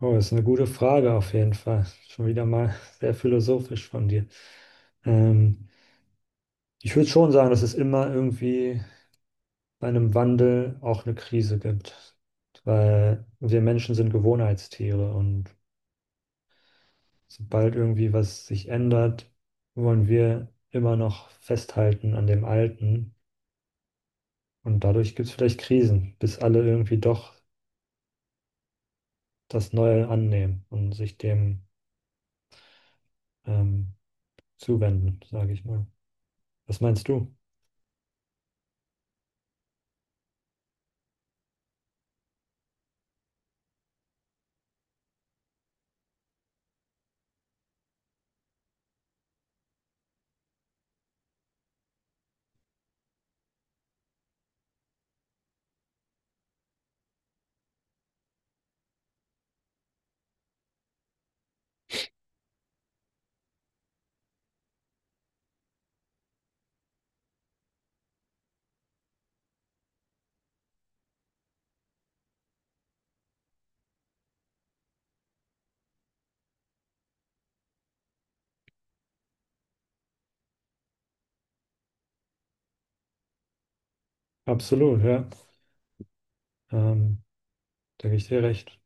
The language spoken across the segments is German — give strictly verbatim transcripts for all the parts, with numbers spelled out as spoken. Oh, das ist eine gute Frage auf jeden Fall. Schon wieder mal sehr philosophisch von dir. Ähm, Ich würde schon sagen, dass es immer irgendwie bei einem Wandel auch eine Krise gibt, weil wir Menschen sind Gewohnheitstiere und sobald irgendwie was sich ändert, wollen wir immer noch festhalten an dem Alten und dadurch gibt es vielleicht Krisen, bis alle irgendwie doch das Neue annehmen und sich dem ähm, zuwenden, sage ich mal. Was meinst du? Absolut, ja. Ähm, Da gebe ich dir recht.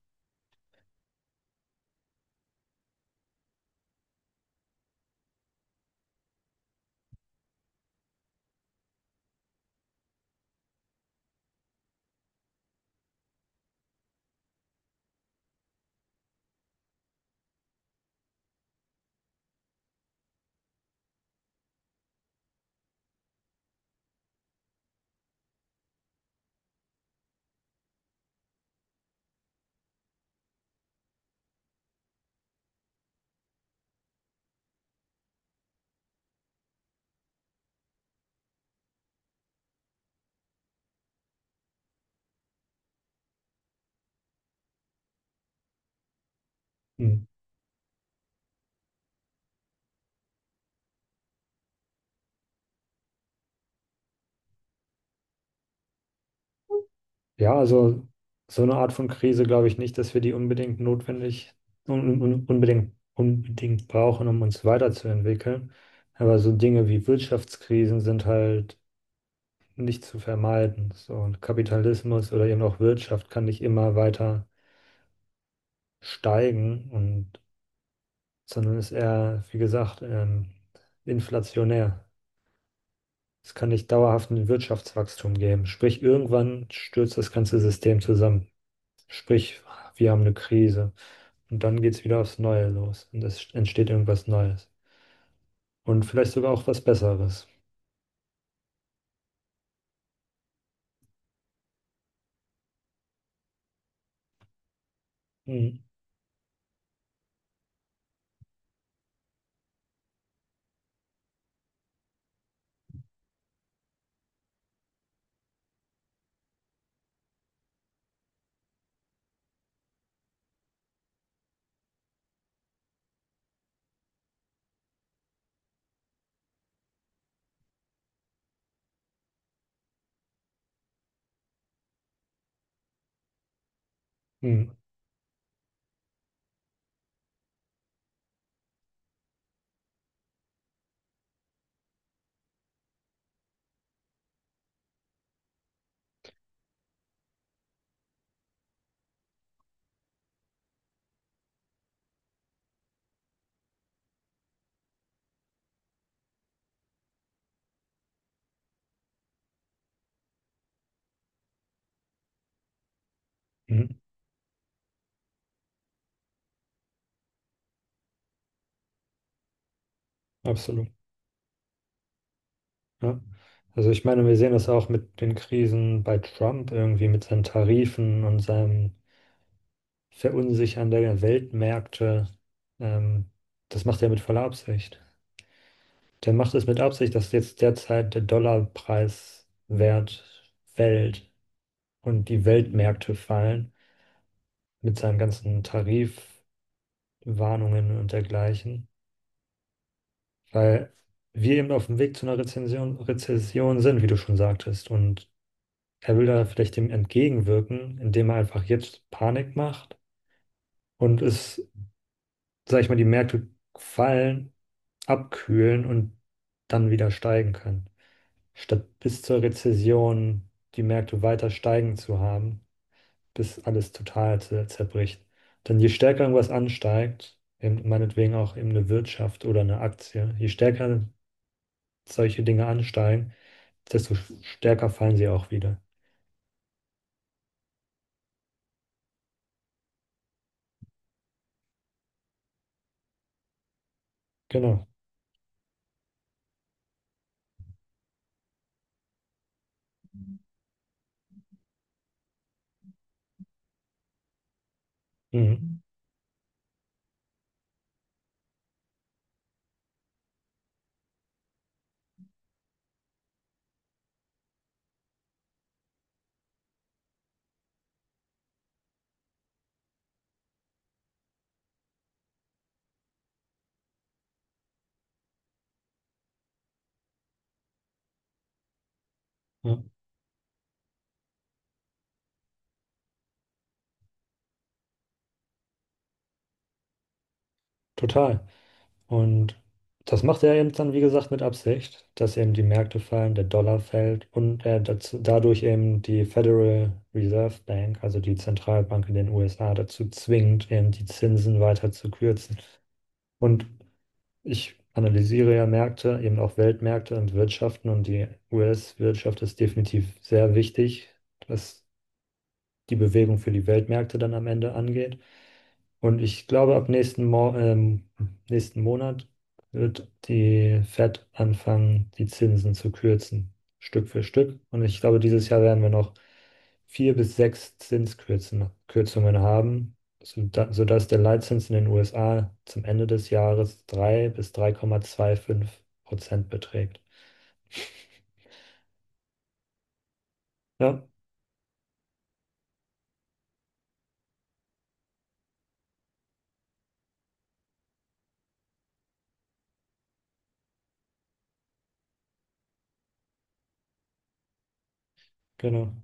Hm. Ja, also so eine Art von Krise glaube ich nicht, dass wir die unbedingt notwendig, un, un, unbedingt, unbedingt brauchen, um uns weiterzuentwickeln. Aber so Dinge wie Wirtschaftskrisen sind halt nicht zu vermeiden. So, und Kapitalismus oder eben auch Wirtschaft kann nicht immer weiter steigen und sondern ist eher, wie gesagt, ähm, inflationär. Es kann nicht dauerhaft ein Wirtschaftswachstum geben. Sprich, irgendwann stürzt das ganze System zusammen. Sprich, wir haben eine Krise. Und dann geht es wieder aufs Neue los. Und es entsteht irgendwas Neues. Und vielleicht sogar auch was Besseres. Mhm. Mhm. Mhm. Absolut. Ja. Also ich meine, wir sehen das auch mit den Krisen bei Trump irgendwie, mit seinen Tarifen und seinem Verunsichern der Weltmärkte. Ähm, Das macht er mit voller Absicht. Der macht es mit Absicht, dass jetzt derzeit der Dollarpreiswert fällt und die Weltmärkte fallen mit seinen ganzen Tarifwarnungen und dergleichen, weil wir eben auf dem Weg zu einer Rezession, Rezession sind, wie du schon sagtest. Und er will da vielleicht dem entgegenwirken, indem er einfach jetzt Panik macht und es, sag ich mal, die Märkte fallen, abkühlen und dann wieder steigen können, statt bis zur Rezession die Märkte weiter steigen zu haben, bis alles total zer- zerbricht. Denn je stärker irgendwas ansteigt, eben meinetwegen auch eben eine Wirtschaft oder eine Aktie, je stärker solche Dinge ansteigen, desto stärker fallen sie auch wieder. Genau. Mhm. Ja, total. Und das macht er eben dann, wie gesagt, mit Absicht, dass eben die Märkte fallen, der Dollar fällt und er dazu, dadurch eben die Federal Reserve Bank, also die Zentralbank in den U S A, dazu zwingt, eben die Zinsen weiter zu kürzen. Und ich analysiere ja Märkte, eben auch Weltmärkte und Wirtschaften, und die U S-Wirtschaft ist definitiv sehr wichtig, was die Bewegung für die Weltmärkte dann am Ende angeht. Und ich glaube, ab nächsten, Mo ähm, nächsten Monat wird die Fed anfangen, die Zinsen zu kürzen, Stück für Stück. Und ich glaube, dieses Jahr werden wir noch vier bis sechs Zinskürzen- Kürzungen haben, soda- sodass der Leitzins in den U S A zum Ende des Jahres drei bis drei Komma zwei fünf Prozent beträgt. Ja, genau.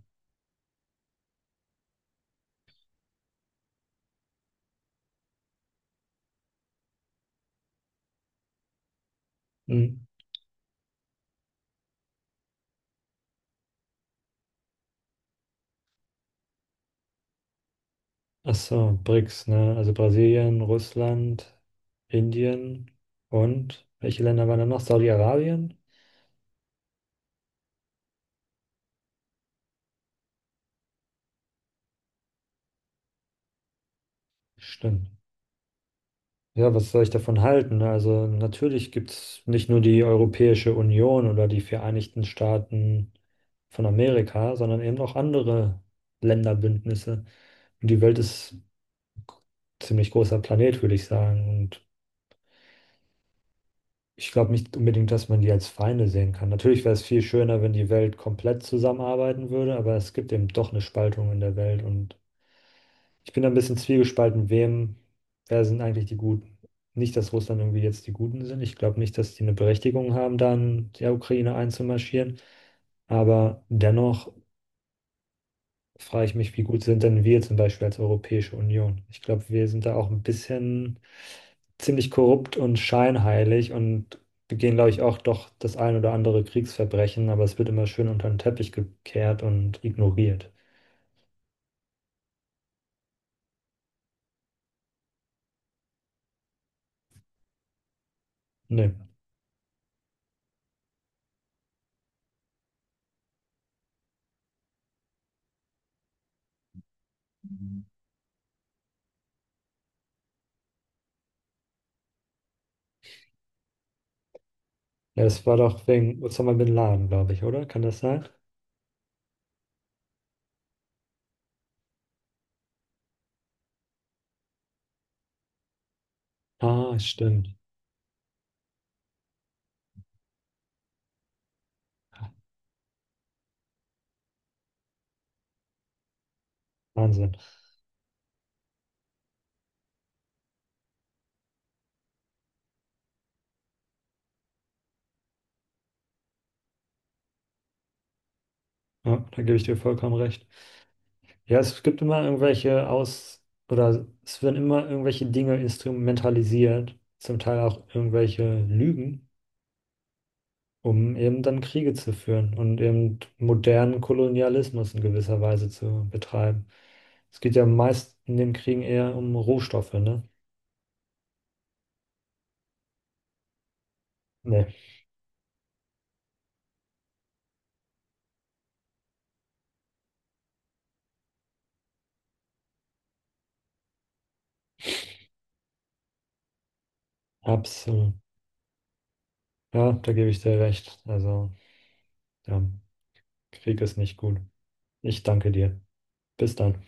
Mhm. Ach so, BRICS, ne? Also Brasilien, Russland, Indien und welche Länder waren da noch? Saudi-Arabien? Stimmt. Ja, was soll ich davon halten, ne? Also natürlich gibt es nicht nur die Europäische Union oder die Vereinigten Staaten von Amerika, sondern eben auch andere Länderbündnisse. Und die Welt ist ein ziemlich großer Planet, würde ich sagen. Und ich glaube nicht unbedingt, dass man die als Feinde sehen kann. Natürlich wäre es viel schöner, wenn die Welt komplett zusammenarbeiten würde, aber es gibt eben doch eine Spaltung in der Welt und ich bin da ein bisschen zwiegespalten, wem, wer sind eigentlich die Guten? Nicht, dass Russland irgendwie jetzt die Guten sind. Ich glaube nicht, dass die eine Berechtigung haben, da in die Ukraine einzumarschieren. Aber dennoch frage ich mich, wie gut sind denn wir zum Beispiel als Europäische Union? Ich glaube, wir sind da auch ein bisschen ziemlich korrupt und scheinheilig und begehen, glaube ich, auch doch das ein oder andere Kriegsverbrechen, aber es wird immer schön unter den Teppich gekehrt und ignoriert. Ne. Ja, es war doch wegen Osama bin Laden, glaube ich, oder? Kann das sein? Ah, stimmt. Wahnsinn. Ja, da gebe ich dir vollkommen recht. Ja, es gibt immer irgendwelche Aus- oder es werden immer irgendwelche Dinge instrumentalisiert, zum Teil auch irgendwelche Lügen, um eben dann Kriege zu führen und eben modernen Kolonialismus in gewisser Weise zu betreiben. Es geht ja meist in den Kriegen eher um Rohstoffe, ne? Nee, absolut. Ja, da gebe ich dir recht. Also, ja, Krieg ist nicht gut. Ich danke dir. Bis dann.